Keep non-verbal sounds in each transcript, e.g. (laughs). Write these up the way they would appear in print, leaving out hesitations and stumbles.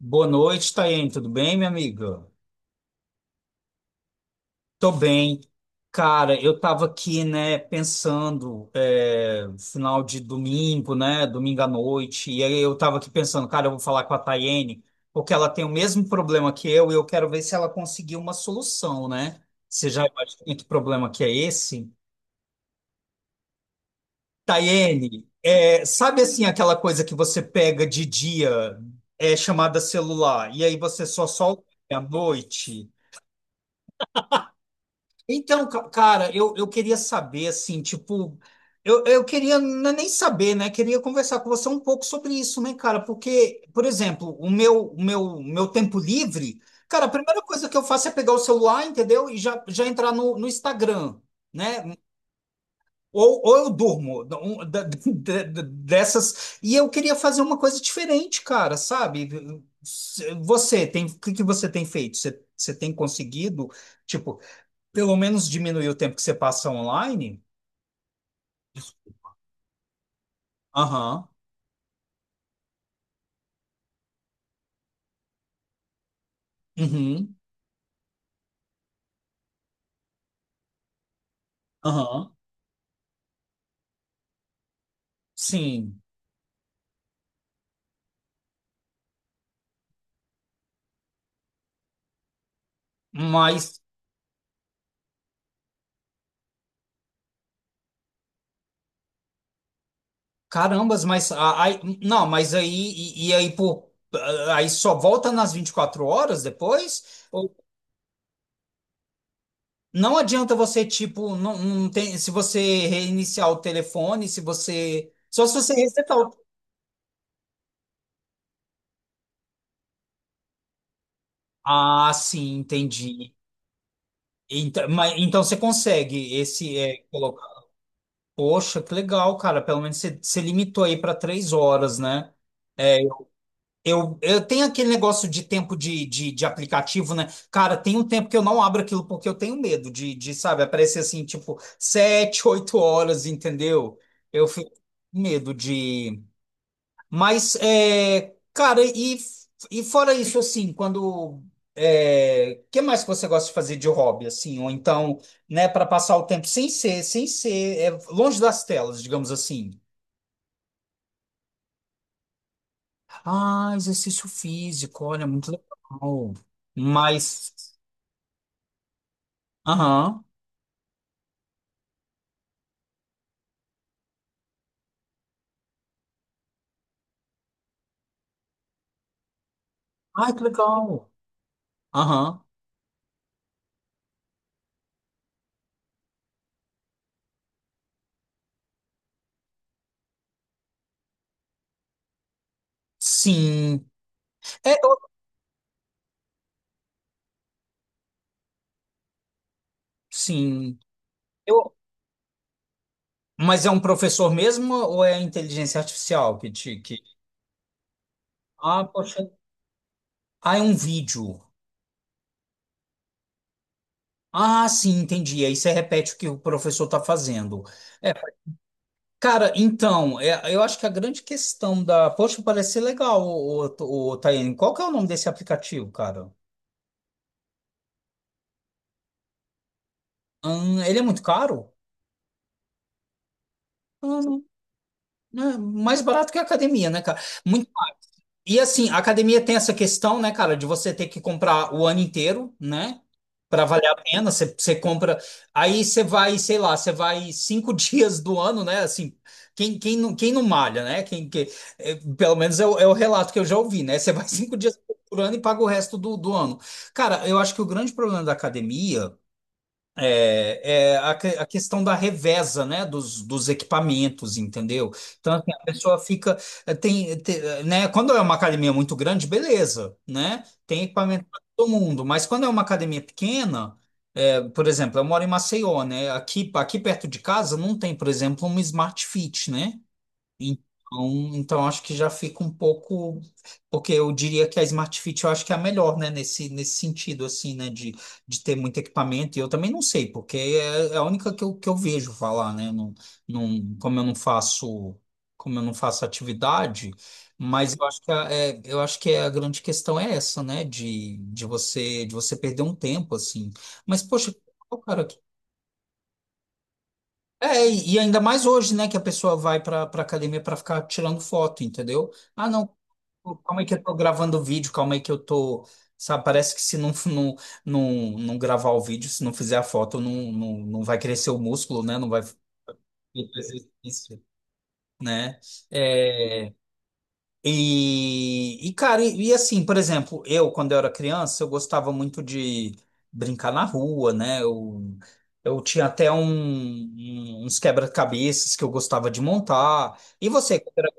Boa noite, Tayane. Tudo bem, minha amiga? Tô bem. Cara, eu tava aqui, né, pensando, final de domingo, né, domingo à noite, e aí eu tava aqui pensando, cara, eu vou falar com a Tayane, porque ela tem o mesmo problema que eu, e eu quero ver se ela conseguiu uma solução, né? Você já imagina que problema que é esse? Tayene, sabe assim aquela coisa que você pega de dia, é chamada celular, e aí você só solta à noite? Então, cara, eu queria saber, assim, tipo, eu queria nem saber, né? Queria conversar com você um pouco sobre isso, né, cara? Porque, por exemplo, meu tempo livre, cara, a primeira coisa que eu faço é pegar o celular, entendeu? E já entrar no Instagram, né? Ou eu durmo (laughs) dessas. E eu queria fazer uma coisa diferente, cara, sabe? Você tem, o que que você tem feito? Você, você tem conseguido? Tipo, pelo menos diminuir o tempo que você passa online? Aham. Uhum. Aham. Sim. Mas, carambas, mas. Aí, não, mas aí. E aí, pô, aí só volta nas 24 horas depois? Ou- Não adianta você, tipo, não, não tem, se você reiniciar o telefone, se você. Só se você resetar o. Ah, sim, entendi. Então, mas, então você consegue esse. É, poxa, que legal, cara. Pelo menos você limitou aí para 3 horas, né? É, eu tenho aquele negócio de tempo de aplicativo, né? Cara, tem um tempo que eu não abro aquilo porque eu tenho medo sabe, aparecer assim, tipo, 7, 8 horas, entendeu? Eu fico com medo de. Mas, cara, e fora isso, assim, quando. Que mais que você gosta de fazer de hobby, assim? Ou então, né, para passar o tempo sem ser, longe das telas, digamos assim. Ah, exercício físico, olha, muito legal. Mas. Aham. Ai, que legal. Aham. Sim. É, eu- sim. Eu, mas é um professor mesmo ou é a inteligência artificial que te. Que... Ah, poxa. Ah, é um vídeo. Ah, sim, entendi. Aí você repete o que o professor está fazendo. É, cara, então, eu acho que a grande questão da. Poxa, parece ser legal, o Tayane. Qual que é o nome desse aplicativo, cara? Ele é muito caro? Hum, é mais barato que a academia, né, cara? E assim, a academia tem essa questão, né, cara, de você ter que comprar o ano inteiro, né? Pra valer a pena, você compra. Aí você vai, sei lá, você vai cinco (laughs) dias do ano, né? Assim, não, quem não malha, né? Quem, que, pelo menos é o relato que eu já ouvi, né? Você vai (laughs) 5 dias por ano e paga o resto do ano. Cara, eu acho que o grande problema da academia. A questão da reveza, né, dos equipamentos, entendeu? Então, assim, a pessoa fica, eh, tem, te- né, quando é uma academia muito grande, beleza, né, tem equipamento para todo mundo, mas quando é uma academia pequena, por exemplo, eu moro em Maceió, né, aqui, aqui perto de casa não tem, por exemplo, uma Smart Fit, né, então, então acho que já fica um pouco, porque eu diria que a Smart Fit eu acho que é a melhor, né, nesse sentido, assim, né, de ter muito equipamento, e eu também não sei, porque é a única que eu vejo falar, né, não, não, como eu não faço, como eu não faço atividade, mas eu acho que a, eu acho que é, a grande questão é essa, né, de você perder um tempo, assim, mas, poxa, cara, e ainda mais hoje, né, que a pessoa vai para academia para ficar tirando foto, entendeu? Ah, não, calma aí que eu tô gravando o vídeo, calma aí que eu tô, sabe, parece que se não (laughs) não, não, não gravar o vídeo, se não fizer a foto, não, não, não vai crescer o músculo, né? Não vai fazer exercício, né? É, e assim, por exemplo, eu, quando eu era criança, eu gostava muito de brincar na rua, né? Eu tinha até uns quebra-cabeças que eu gostava de montar. E você, quando era-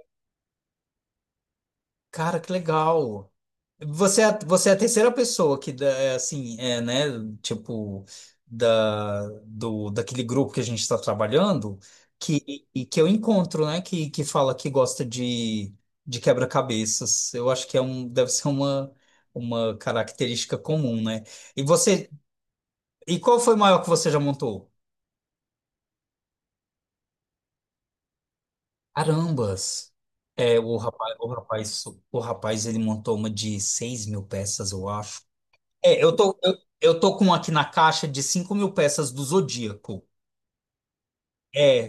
cara, que legal. Você é a terceira pessoa que, assim, né, tipo, daquele grupo que a gente está trabalhando, que eu encontro, né, que fala que gosta de quebra-cabeças. Eu acho que é um, deve ser uma característica comum, né? E você, e qual foi o maior que você já montou? Carambas! É, o rapaz, o rapaz, o rapaz, ele montou uma de 6 mil peças, eu acho. É, eu tô com um aqui na caixa de 5 mil peças do Zodíaco. É,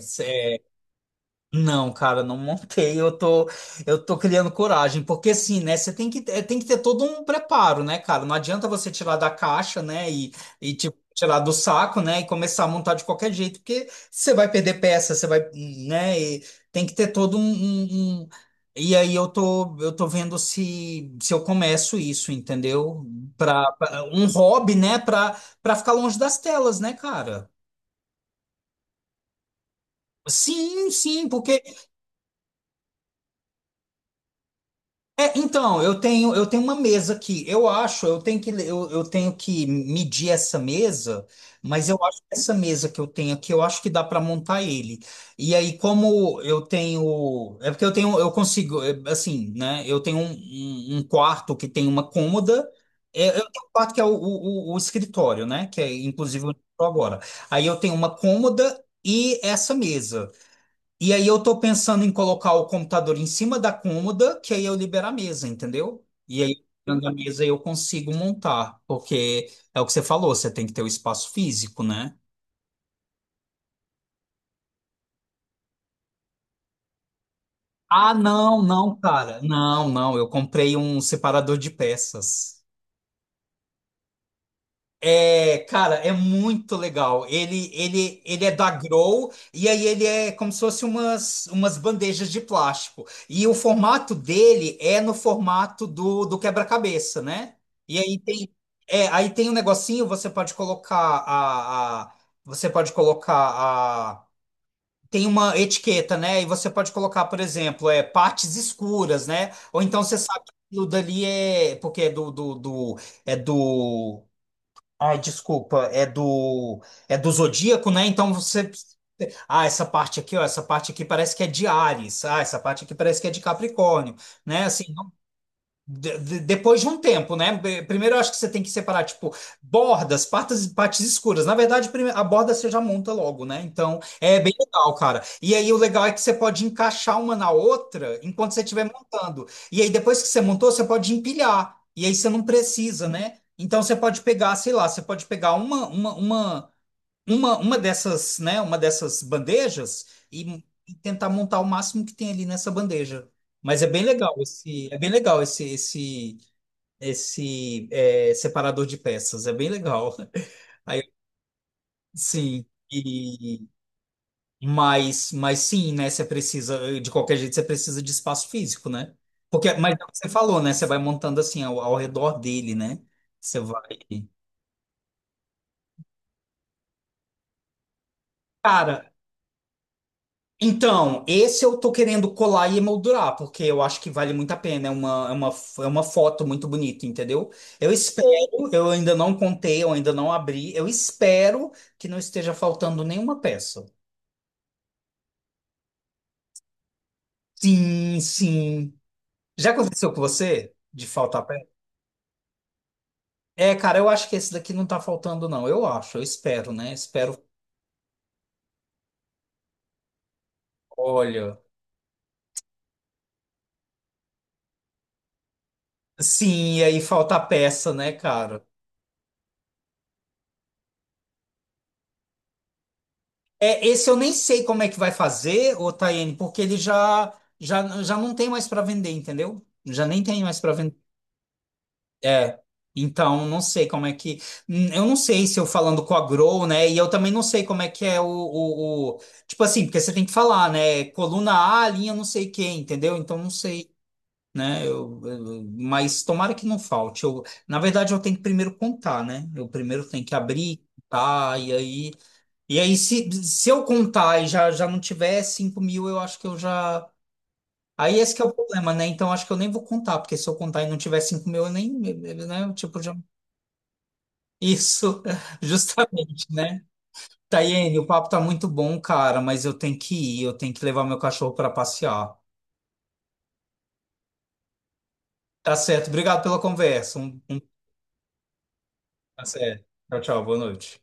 não, cara, não montei. Eu tô criando coragem, porque assim, né? Você tem que, é, tem que ter todo um preparo, né, cara? Não adianta você tirar da caixa, né? E tipo, tirar do saco, né? E começar a montar de qualquer jeito, porque você vai perder peça, você vai, né? E tem que ter todo um, E aí eu tô vendo se eu começo isso, entendeu? Pra um hobby, né? Pra ficar longe das telas, né, cara? Sim, sim, porque então, eu tenho uma mesa aqui. Eu acho, eu tenho que medir essa mesa, mas eu acho que essa mesa que eu tenho aqui, eu acho que dá para montar ele. E aí, como eu tenho, é porque eu tenho, eu consigo, é, assim, né? Eu tenho um quarto que tem uma cômoda. É, Eu tenho um quarto que é o escritório, né? Que é inclusive onde eu tô agora. Aí eu tenho uma cômoda e essa mesa. E aí eu tô pensando em colocar o computador em cima da cômoda, que aí eu libero a mesa, entendeu? E aí, tirando a mesa, eu consigo montar, porque é o que você falou, você tem que ter o espaço físico, né? Ah, não, não, cara. Não, não, eu comprei um separador de peças. É, cara, é muito legal. Ele é da Grow e aí ele é como se fosse umas bandejas de plástico. E o formato dele é no formato do quebra-cabeça, né? E aí tem, aí tem um negocinho, você pode colocar a, você pode colocar a Tem uma etiqueta, né? E você pode colocar, por exemplo, partes escuras, né? Ou então você sabe que aquilo dali é porque é do é do Ai, desculpa, é do Zodíaco, né? Então você, ah, essa parte aqui, ó, essa parte aqui parece que é de Áries, ah, essa parte aqui parece que é de Capricórnio, né? Assim, depois de um tempo, né? Primeiro eu acho que você tem que separar, tipo, bordas, partes escuras. Na verdade, a borda você já monta logo, né? Então é bem legal, cara. E aí o legal é que você pode encaixar uma na outra enquanto você estiver montando. E aí depois que você montou, você pode empilhar. E aí você não precisa, né? Então você pode pegar, sei lá, você pode pegar uma dessas, né, uma dessas bandejas e tentar montar o máximo que tem ali nessa bandeja. Mas é bem legal esse, é bem legal separador de peças, é bem legal. (laughs) Aí, sim, e mas sim, né, você precisa, de qualquer jeito você precisa de espaço físico, né? Porque, mas é o que você falou, né, você vai montando assim ao redor dele, né? Você vai. Cara, então, esse eu tô querendo colar e emoldurar, porque eu acho que vale muito a pena. É uma foto muito bonita, entendeu? Eu espero, eu ainda não contei, eu ainda não abri. Eu espero que não esteja faltando nenhuma peça. Sim, sim. Já aconteceu com você de faltar peça? É, cara, eu acho que esse daqui não tá faltando, não. Eu acho, eu espero, né? Espero. Olha. Sim, e aí falta peça, né, cara? É, esse eu nem sei como é que vai fazer, ô Tayane, porque ele já não tem mais para vender, entendeu? Já nem tem mais para vender. É. Então, não sei como é que. Eu não sei se eu falando com a Grow, né? E eu também não sei como é que é tipo assim, porque você tem que falar, né? Coluna A, linha não sei quem, entendeu? Então, não sei, né? Mas tomara que não falte. Eu, na verdade, eu tenho que primeiro contar, né? Eu primeiro tenho que abrir, tá? E aí. E aí, se eu contar e já não tiver 5 mil, eu acho que eu já. Aí esse que é o problema, né? Então acho que eu nem vou contar, porque se eu contar e não tiver 5 mil, eu nem. Né? Eu, tipo, já. Isso, (laughs) justamente, né? Tayene o papo tá muito bom, cara, mas eu tenho que ir, eu tenho que levar meu cachorro para passear. Tá certo, obrigado pela conversa. Um, tá certo. Tchau, tchau, boa noite.